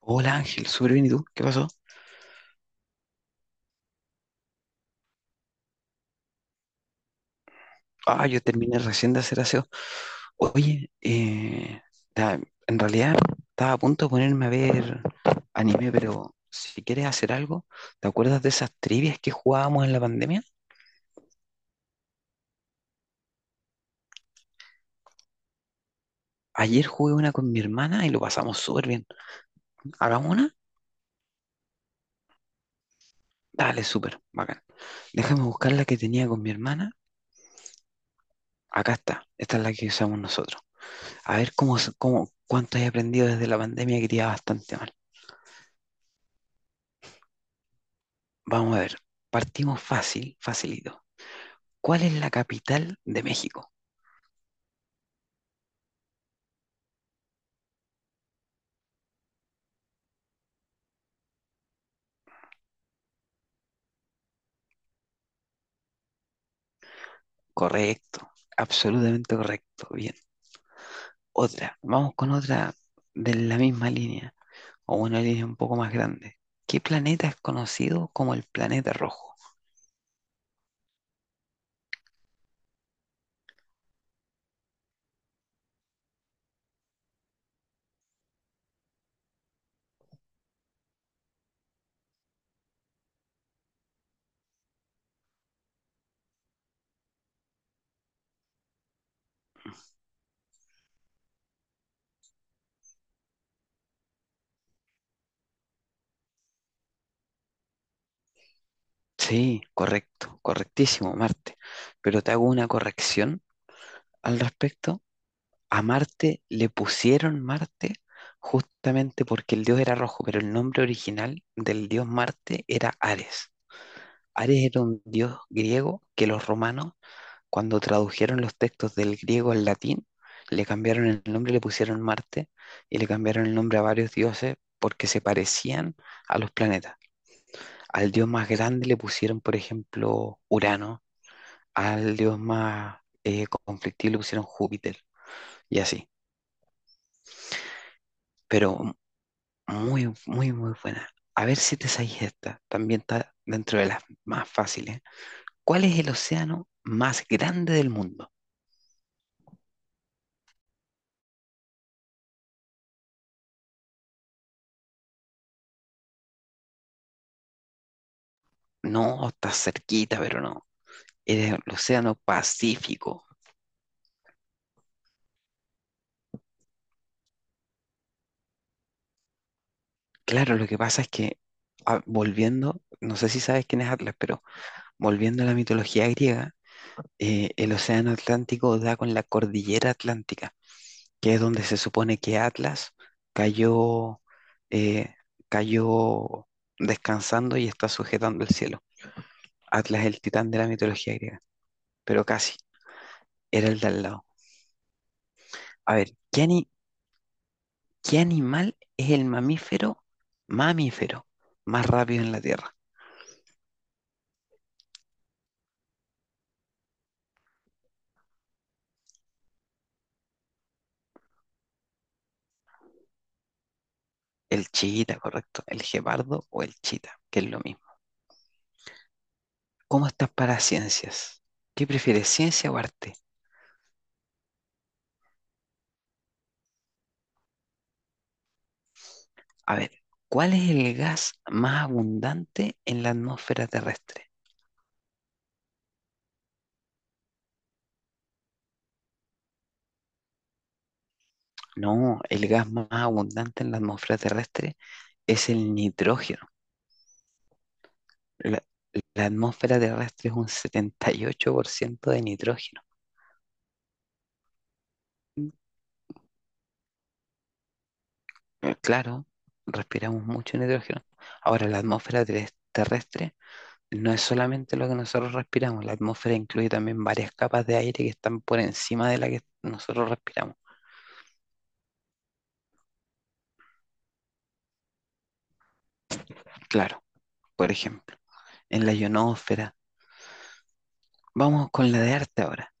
Hola Ángel, súper bien, ¿y tú? ¿Qué pasó? Ah, yo terminé recién de hacer aseo. Oye, ta- en realidad estaba a punto de ponerme a ver anime, pero si quieres hacer algo, ¿te acuerdas de esas trivias que jugábamos en la pandemia? Ayer jugué una con mi hermana y lo pasamos súper bien. ¿Hagamos una? Dale, súper, bacán. Déjame buscar la que tenía con mi hermana. Acá está, esta es la que usamos nosotros. A ver cómo, cómo, cuánto he aprendido desde la pandemia que te iba bastante mal. Vamos a ver, partimos fácil, facilito. ¿Cuál es la capital de México? Correcto, absolutamente correcto. Bien, otra. Vamos con otra de la misma línea, o una línea un poco más grande. ¿Qué planeta es conocido como el planeta rojo? Sí, correcto, correctísimo, Marte. Pero te hago una corrección al respecto. A Marte le pusieron Marte justamente porque el dios era rojo, pero el nombre original del dios Marte era Ares. Ares era un dios griego que los romanos. Cuando tradujeron los textos del griego al latín, le cambiaron el nombre, le pusieron Marte y le cambiaron el nombre a varios dioses porque se parecían a los planetas. Al dios más grande le pusieron, por ejemplo, Urano, al dios más conflictivo le pusieron Júpiter y así. Pero muy, muy, muy buena. A ver si te sabes esta. También está dentro de las más fáciles. ¿Cuál es el océano más grande del mundo? No, está cerquita, pero no. En el Océano Pacífico. Claro, lo que pasa es que, ah, volviendo, no sé si sabes quién es Atlas, pero volviendo a la mitología griega, el Océano Atlántico da con la cordillera Atlántica, que es donde se supone que Atlas cayó, eh, cayó descansando y está sujetando el cielo. Atlas es el titán de la mitología griega, pero casi, era el de al lado. A ver, qué animal es el mamífero más rápido en la Tierra? El chiita, correcto. El gepardo o el chita, que es lo mismo. ¿Cómo estás para ciencias? ¿Qué prefieres, ciencia o arte? A ver, ¿cuál es el gas más abundante en la atmósfera terrestre? No, el gas más abundante en la atmósfera terrestre es el nitrógeno. La, la atmósfera terrestre es un 78% de nitrógeno. Claro, respiramos mucho nitrógeno. Ahora, la atmósfera terrestre no es solamente lo que nosotros respiramos, la atmósfera incluye también varias capas de aire que están por encima de la que nosotros respiramos. Claro, por ejemplo, en la ionosfera. Vamos con la de arte ahora.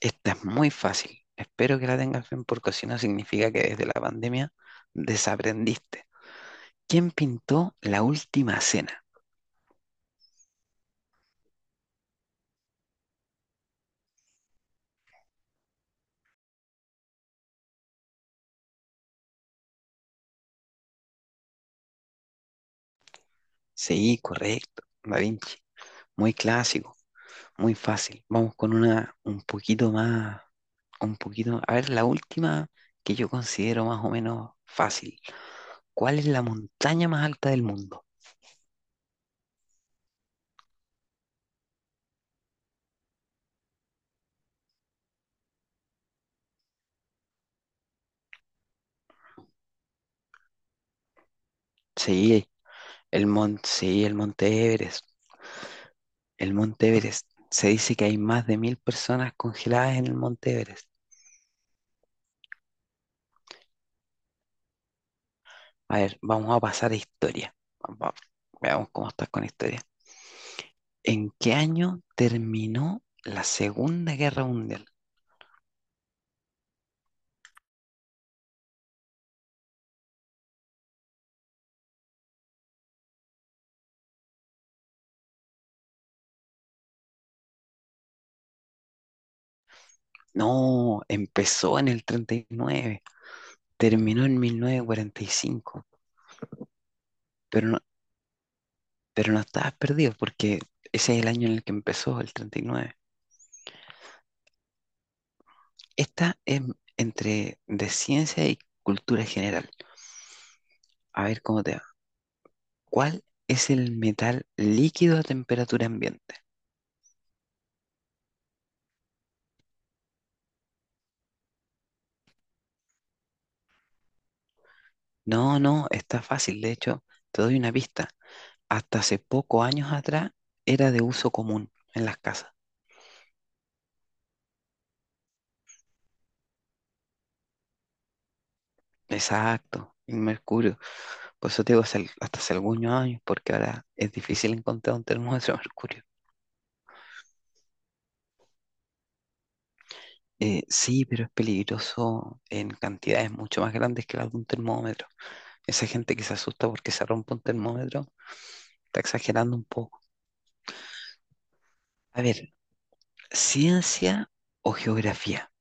Esta es muy fácil. Espero que la tengas bien porque si no significa que desde la pandemia desaprendiste. ¿Quién pintó La Última Cena? Sí, correcto, Da Vinci. Muy clásico, muy fácil. Vamos con una un poquito más un poquito. A ver, la última que yo considero más o menos fácil. ¿Cuál es la montaña más alta del mundo? Sí, sí, el Monte Everest. El Monte Everest. Se dice que hay más de mil personas congeladas en el Monte Everest. A ver, vamos a pasar a historia. Va- Veamos cómo estás con historia. ¿En qué año terminó la Segunda Guerra Mundial? No, empezó en el 39, terminó en 1945. Pero no, Pero no estabas perdido porque ese es el año en el que empezó, el 39. Esta es entre de ciencia y cultura general. A ver cómo te va. ¿Cuál es el metal líquido a temperatura ambiente? No, no, está fácil. De hecho, te doy una pista. Hasta hace pocos años atrás era de uso común en las casas. Exacto, el mercurio. Por eso te digo, hasta hace algunos años, porque ahora es difícil encontrar un termómetro de mercurio. Sí, pero es peligroso en cantidades mucho más grandes que las de un termómetro. Esa gente que se asusta porque se rompe un termómetro está exagerando un poco. A ver, ciencia o geografía.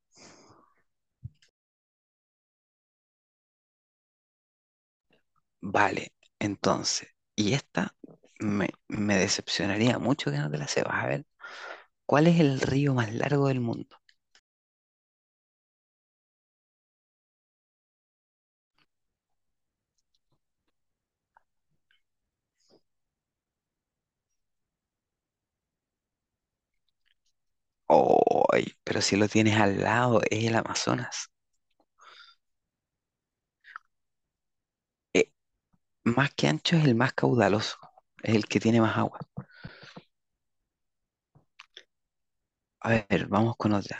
Vale, entonces, y esta me decepcionaría mucho que no te la sepas. A ver, ¿cuál es el río más largo del mundo? ¡Ay! Pero si lo tienes al lado, es el Amazonas. Eh, más que ancho es el más caudaloso, es el que tiene más agua. A ver, vamos con otra.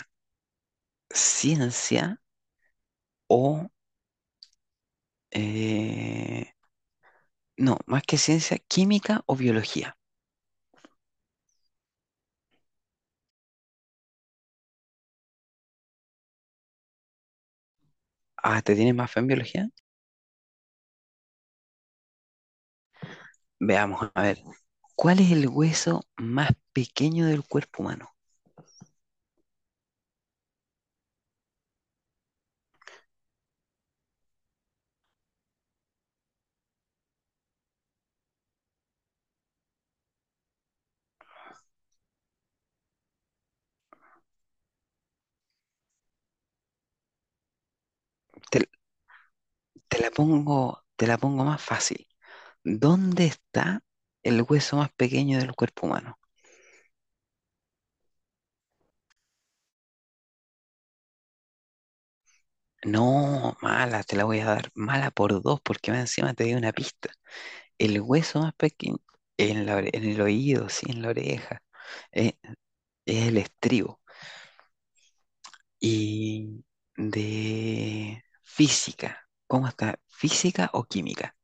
Ciencia o, eh, no, más que ciencia, química o biología. Ah, ¿te tienes más fe en biología? Veamos, a ver, ¿cuál es el hueso más pequeño del cuerpo humano? Te, te la pongo más fácil. ¿Dónde está el hueso más pequeño del cuerpo humano? No, mala, te la voy a dar. Mala por dos, porque más encima te di una pista. El hueso más pequeño en el oído, sí, en la oreja, eh, es el estribo. Y de física, ¿cómo está? ¿Física o química?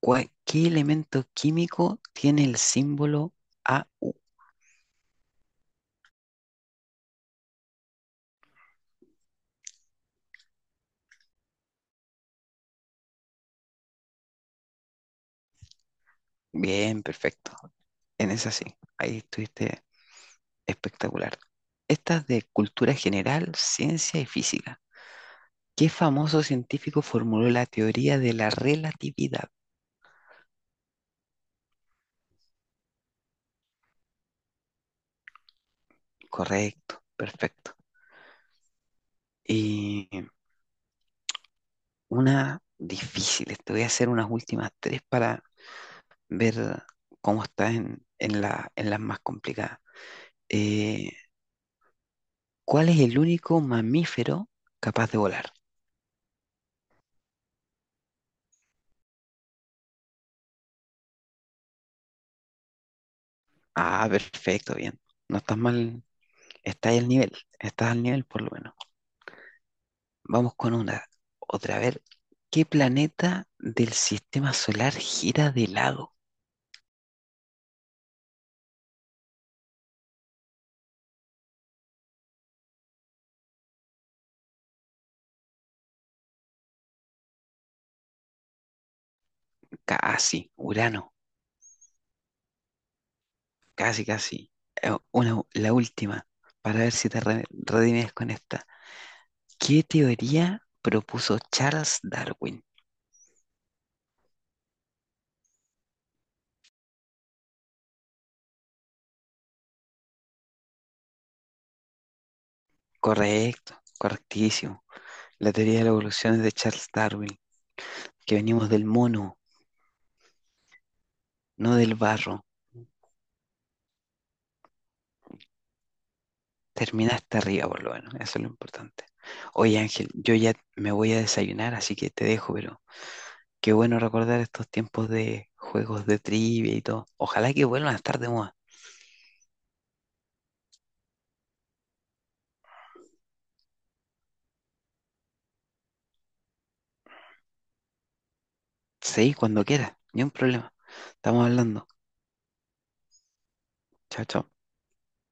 ¿Qué elemento químico tiene el símbolo AU? Bien, perfecto. En esa sí, ahí estuviste espectacular. Esta es de cultura general, ciencia y física. ¿Qué famoso científico formuló la teoría de la relatividad? Correcto, perfecto. Y una difícil, te voy a hacer unas últimas tres para ver cómo está en las más complicadas. Eh, ¿cuál es el único mamífero capaz de volar? Ah, perfecto, bien. No estás mal, estás al nivel, estás al nivel por lo menos. Vamos con una, otra, a ver. ¿Qué planeta del sistema solar gira de lado? Casi, Urano, casi, casi. Una, la última, para ver si te redimes con esta. ¿Qué teoría propuso Charles Darwin? Correcto, correctísimo. La teoría de la evolución es de Charles Darwin, que venimos del mono, no del barro. Terminaste arriba, por lo menos, eso es lo importante. Oye, Ángel, yo ya me voy a desayunar, así que te dejo, pero qué bueno recordar estos tiempos de juegos de trivia y todo. Ojalá que vuelvan a estar de moda. Sí, cuando quieras, ni un problema. Estamos hablando. Chao, chao.